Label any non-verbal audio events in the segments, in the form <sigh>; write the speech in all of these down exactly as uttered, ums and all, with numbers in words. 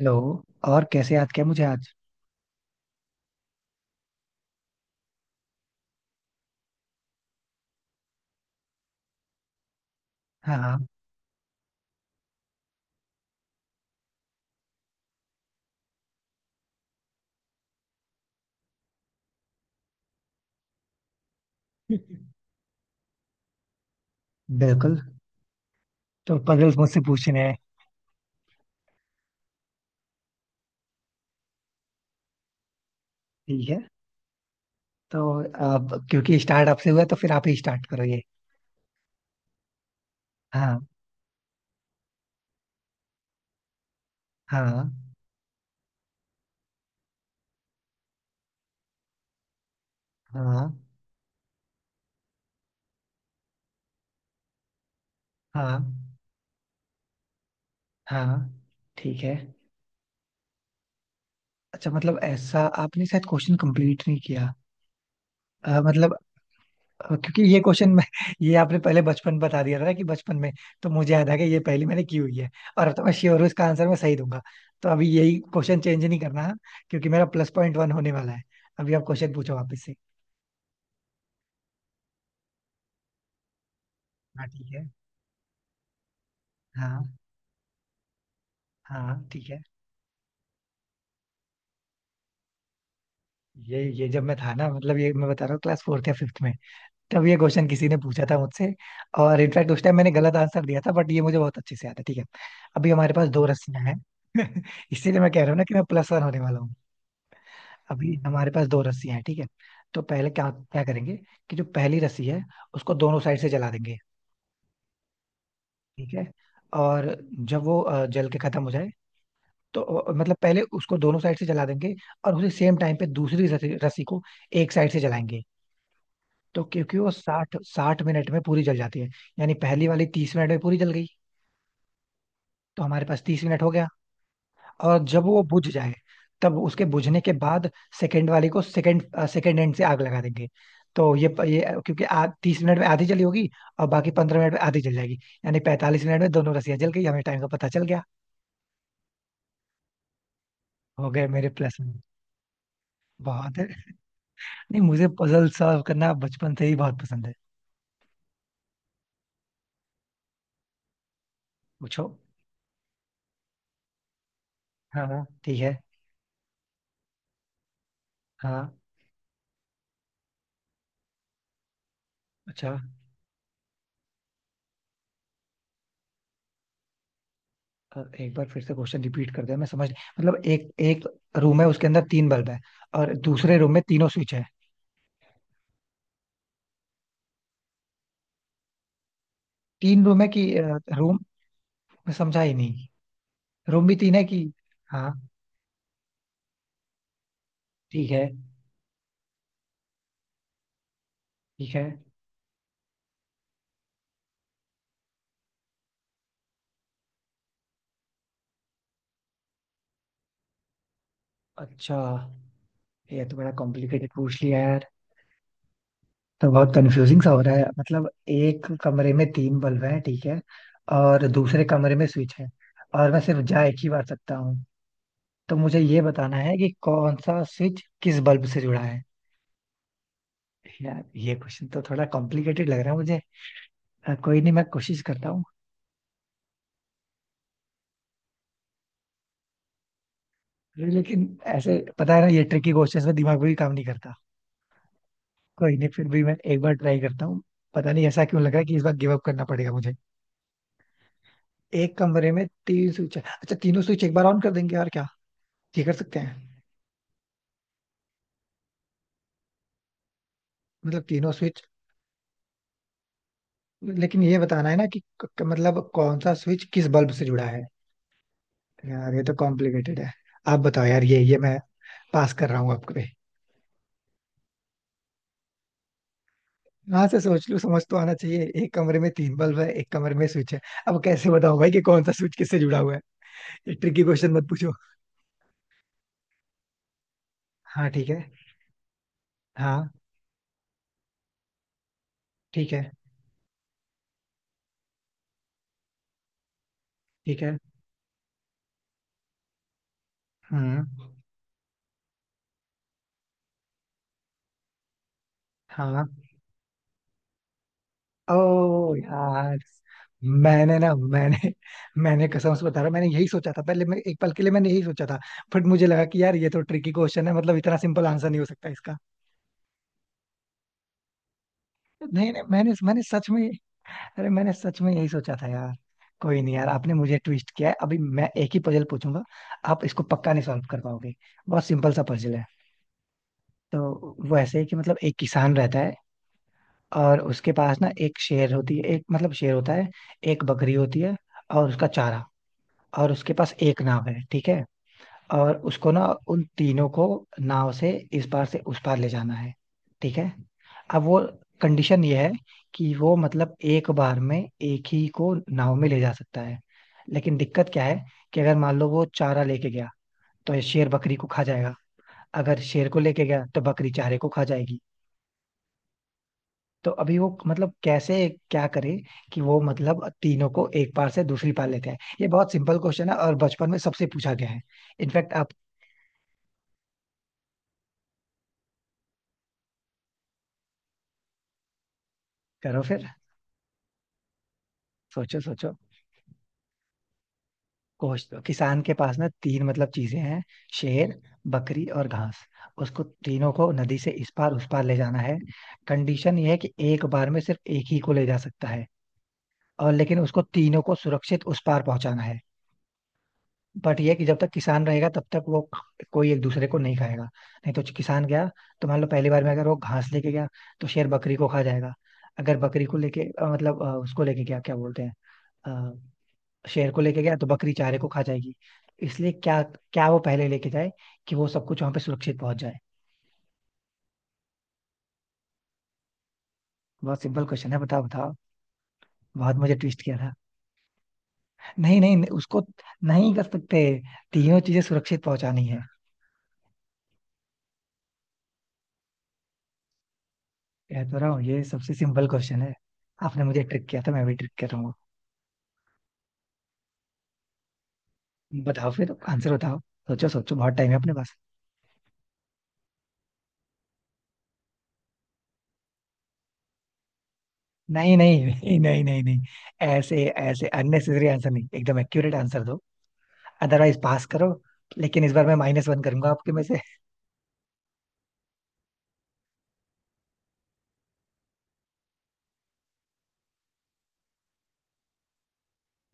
Hello. और कैसे याद किया मुझे आज। हाँ, हाँ। बिल्कुल। तो पजल्स मुझसे पूछने हैं। ठीक है, तो आप क्योंकि स्टार्ट आपसे हुआ है, तो फिर आप ही स्टार्ट करो ये। हाँ। हाँ। हाँ। हाँ। हाँ, ठीक है। अच्छा, मतलब ऐसा आपने शायद क्वेश्चन कंप्लीट नहीं किया। अ, मतलब। हाँ, क्योंकि ये क्वेश्चन मैं, ये आपने पहले बचपन बता दिया था ना कि बचपन में, तो मुझे याद आ गया ये पहली मैंने की हुई है। और अब तो मैं श्योर हूँ इसका आंसर मैं सही दूंगा। तो अभी यही क्वेश्चन चेंज नहीं करना है, क्योंकि मेरा प्लस पॉइंट वन होने वाला है। अभी आप क्वेश्चन पूछो वापस से। हाँ, ठीक है। हाँ, हाँ, ठीक है। ये ये जब मैं था ना, मतलब ये मैं बता रहा हूँ क्लास फोर्थ या फिफ्थ में। तब ये क्वेश्चन किसी ने पूछा था मुझसे। और इनफैक्ट उस टाइम मैंने गलत आंसर दिया था, बट ये मुझे बहुत अच्छे से याद है। ठीक है, अभी हमारे पास दो रस्सियां हैं। <laughs> इसीलिए मैं कह रहा हूँ ना कि मैं प्लस वन होने वाला हूँ। अभी हमारे पास दो रस्सियां हैं। ठीक है, तो पहले क्या क्या करेंगे कि जो पहली रस्सी है, उसको दोनों साइड से जला देंगे। ठीक है, और जब वो अ, जल के खत्म हो जाए, तो अ, मतलब पहले उसको दोनों साइड से जला देंगे। और उसी सेम टाइम पे दूसरी रस्सी रस्सी को एक साइड से जलाएंगे। तो क्योंकि वो साठ साठ मिनट में पूरी जल जाती है, यानी पहली वाली तीस मिनट में पूरी जल गई, तो हमारे पास तीस मिनट हो गया। और जब वो बुझ जाए, तब उसके बुझने के बाद सेकंड वाली को सेकंड सेकंड एंड से आग लगा देंगे। तो ये ये क्योंकि आ, तीस मिनट में आधी जली होगी और बाकी पंद्रह मिनट में आधी जल जाएगी। यानी पैंतालीस मिनट में दोनों रस्सियां जल गई, हमें टाइम का पता चल गया। हो गए मेरे प्लस में। बहुत है। नहीं, मुझे पजल सॉल्व करना बचपन से ही बहुत पसंद है। पूछो। हाँ, हाँ, ठीक है। हाँ। अच्छा। अ, एक बार फिर से क्वेश्चन रिपीट कर दे, मैं समझ नहीं- मतलब एक एक रूम है उसके अंदर तीन बल्ब है और दूसरे रूम में तीनों स्विच है। तीन रूम है कि रूम? मैं समझा ही नहीं। रूम भी तीन है कि? हाँ, ठीक है। ठीक है। अच्छा, ये तो बड़ा कॉम्प्लिकेटेड पूछ लिया यार। तो बहुत कंफ्यूजिंग सा हो रहा है। मतलब एक कमरे में तीन बल्ब हैं, ठीक है, और दूसरे कमरे में स्विच है, और मैं सिर्फ जा एक ही बार सकता हूँ, तो मुझे ये बताना है कि कौन सा स्विच किस बल्ब से जुड़ा है। यार ये क्वेश्चन तो थोड़ा कॉम्प्लिकेटेड लग रहा है मुझे। अ, कोई नहीं, मैं कोशिश करता हूँ। लेकिन ऐसे पता है ना, ये ट्रिकी क्वेश्चंस में दिमाग भी काम नहीं करता। कोई नहीं, फिर भी मैं एक बार ट्राई करता हूँ। पता नहीं ऐसा क्यों लग रहा है कि इस बार गिव अप करना पड़ेगा मुझे। एक कमरे में तीन स्विच है, अच्छा तीनों स्विच एक बार ऑन कर देंगे और क्या, ये कर सकते हैं? मतलब तीनों स्विच। लेकिन ये बताना है ना कि क- क- मतलब कौन सा स्विच किस बल्ब से जुड़ा है। यार ये तो कॉम्प्लिकेटेड है। आप बताओ यार, ये ये मैं पास कर रहा हूँ आपको पे। हाँ से सोच लूँ, समझ तो आना चाहिए। एक कमरे में तीन बल्ब है, एक कमरे में स्विच है, अब कैसे बताओ भाई कि कौन सा स्विच किससे जुड़ा हुआ है? ये ट्रिकी क्वेश्चन मत पूछो। हाँ, ठीक है। हाँ, ठीक है। ठीक है। हम्म। हाँ। ओ यार। मैंने ना मैंने मैंने कसम से बता रहा हूँ, मैंने यही सोचा था पहले, मैं एक पल के लिए मैंने यही सोचा था। बट मुझे लगा कि यार ये तो ट्रिकी क्वेश्चन है, मतलब इतना सिंपल आंसर नहीं हो सकता इसका। नहीं, नहीं, मैंने मैंने सच में, अरे मैंने सच में यही सोचा था यार। कोई नहीं यार, आपने मुझे ट्विस्ट किया है, अभी मैं एक ही पजल पूछूंगा। आप इसको पक्का नहीं सॉल्व कर पाओगे। बहुत सिंपल सा पजल है। तो वो ऐसे ही कि मतलब एक किसान रहता है, और उसके पास ना एक शेर होती है, एक मतलब शेर होता है, एक बकरी होती है, और उसका चारा। और उसके पास एक नाव है, ठीक है। और उसको ना उन तीनों को नाव से इस पार से उस पार ले जाना है। ठीक है, अब वो कंडीशन ये है कि वो मतलब एक बार में एक ही को नाव में ले जा सकता है। लेकिन दिक्कत क्या है कि अगर मान लो वो चारा लेके गया तो ये शेर बकरी को खा जाएगा, अगर शेर को लेके गया तो बकरी चारे को खा जाएगी। तो अभी वो मतलब कैसे, क्या करे कि वो मतलब तीनों को एक पार से दूसरी पार लेते हैं। ये बहुत सिंपल क्वेश्चन है और बचपन में सबसे पूछा गया है। इनफैक्ट आप करो फिर। सोचो, सोचो। कोच दो किसान के पास ना तीन मतलब चीजें हैं, शेर, बकरी और घास। उसको तीनों को नदी से इस पार उस पार ले जाना है। कंडीशन ये है कि एक बार में सिर्फ एक ही को ले जा सकता है। और लेकिन उसको तीनों को सुरक्षित उस पार पहुंचाना है। बट ये है कि जब तक किसान रहेगा तब तक वो कोई एक दूसरे को नहीं खाएगा, नहीं तो किसान गया, तो मान लो पहली बार में अगर वो घास लेके गया तो शेर बकरी को खा जाएगा, अगर बकरी को लेके अ, मतलब अ, उसको लेके गया क्या बोलते हैं, शेर को लेके गया तो बकरी चारे को खा जाएगी। इसलिए क्या, क्या वो पहले लेके जाए कि वो सब कुछ वहां पे सुरक्षित पहुंच जाए। बहुत सिंपल क्वेश्चन है, बताओ बताओ। बहुत मुझे ट्विस्ट किया था। नहीं, नहीं, नहीं, उसको नहीं कर सकते। तीनों चीजें सुरक्षित पहुंचानी है। कह तो रहा हूँ ये सबसे सिंपल क्वेश्चन है। आपने मुझे ट्रिक किया था, मैं भी ट्रिक कर रहा हूँ। बताओ फिर, आंसर बताओ। सोचो सोचो, बहुत टाइम है अपने पास। नहीं नहीं नहीं नहीं नहीं नहीं, ऐसे ऐसे अननेसेसरी आंसर नहीं, एकदम एक्यूरेट आंसर दो। अदरवाइज पास करो। लेकिन इस बार मैं माइनस वन करूंगा आपके में से।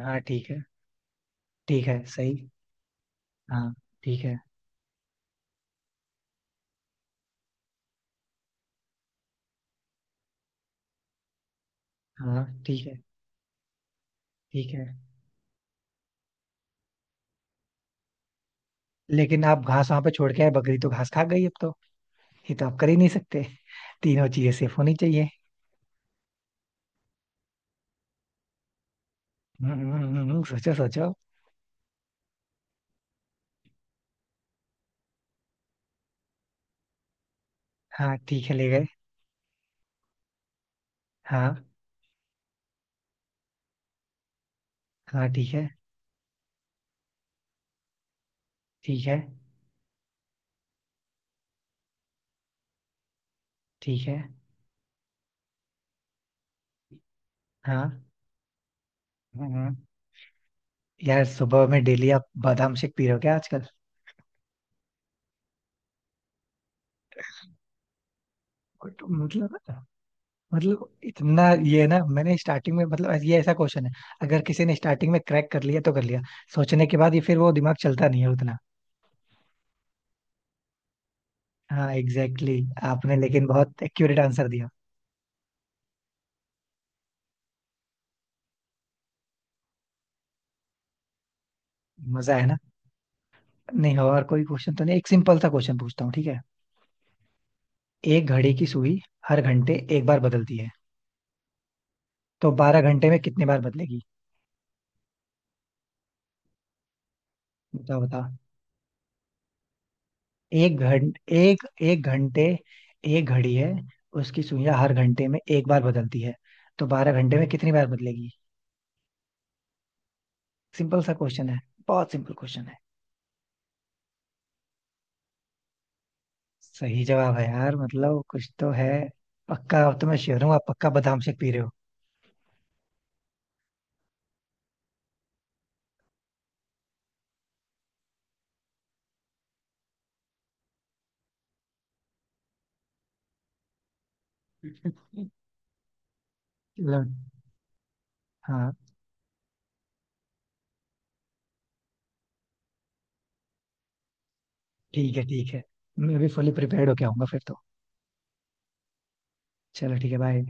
हाँ, ठीक है। ठीक है, सही। हाँ, ठीक है। हाँ, ठीक है। ठीक है। लेकिन आप घास वहां पे छोड़ के आए, बकरी तो घास खा गई अब तो। ये तो आप कर ही नहीं सकते। तीनों चीजें सेफ होनी चाहिए। हम्म, हम्म, हम्म, हम्म, हम्म, सोचो सोचो। हाँ ठीक है, ले गए। हाँ। हाँ ठीक है। ठीक है। ठीक है। हाँ। हम्म, हम्म। यार सुबह में डेली आप बादाम शेक पी रहे हो क्या आजकल? कुछ- मतलब, मतलब इतना ये है ना, मैंने स्टार्टिंग में, मतलब ये ऐसा क्वेश्चन है, अगर किसी ने स्टार्टिंग में क्रैक कर लिया तो कर लिया, सोचने के बाद ये फिर वो दिमाग चलता नहीं है उतना। हाँ एग्जैक्टली, exactly. आपने लेकिन बहुत एक्यूरेट आंसर दिया। मजा है ना। नहीं और कोई क्वेश्चन तो नहीं, एक सिंपल सा क्वेश्चन पूछता हूँ, ठीक है। एक घड़ी की सुई हर घंटे एक बार बदलती है, तो बारह घंटे में कितने बार बदलेगी, बताओ बताओ। एक घंटे एक एक घंटे। एक घड़ी है, उसकी सुइयां हर घंटे में एक बार बदलती है, तो बारह घंटे में कितनी बार बदलेगी। सिंपल सा क्वेश्चन है। बहुत सिंपल क्वेश्चन है। सही जवाब है यार, मतलब कुछ तो है। पक्का अब तो मैं श्योर हूँ आप पक्का बादाम शेक पी रहे हो। चलो। हाँ, ठीक है, ठीक है। मैं भी फुली प्रिपेयर्ड होके आऊंगा फिर तो। चलो ठीक है, बाय।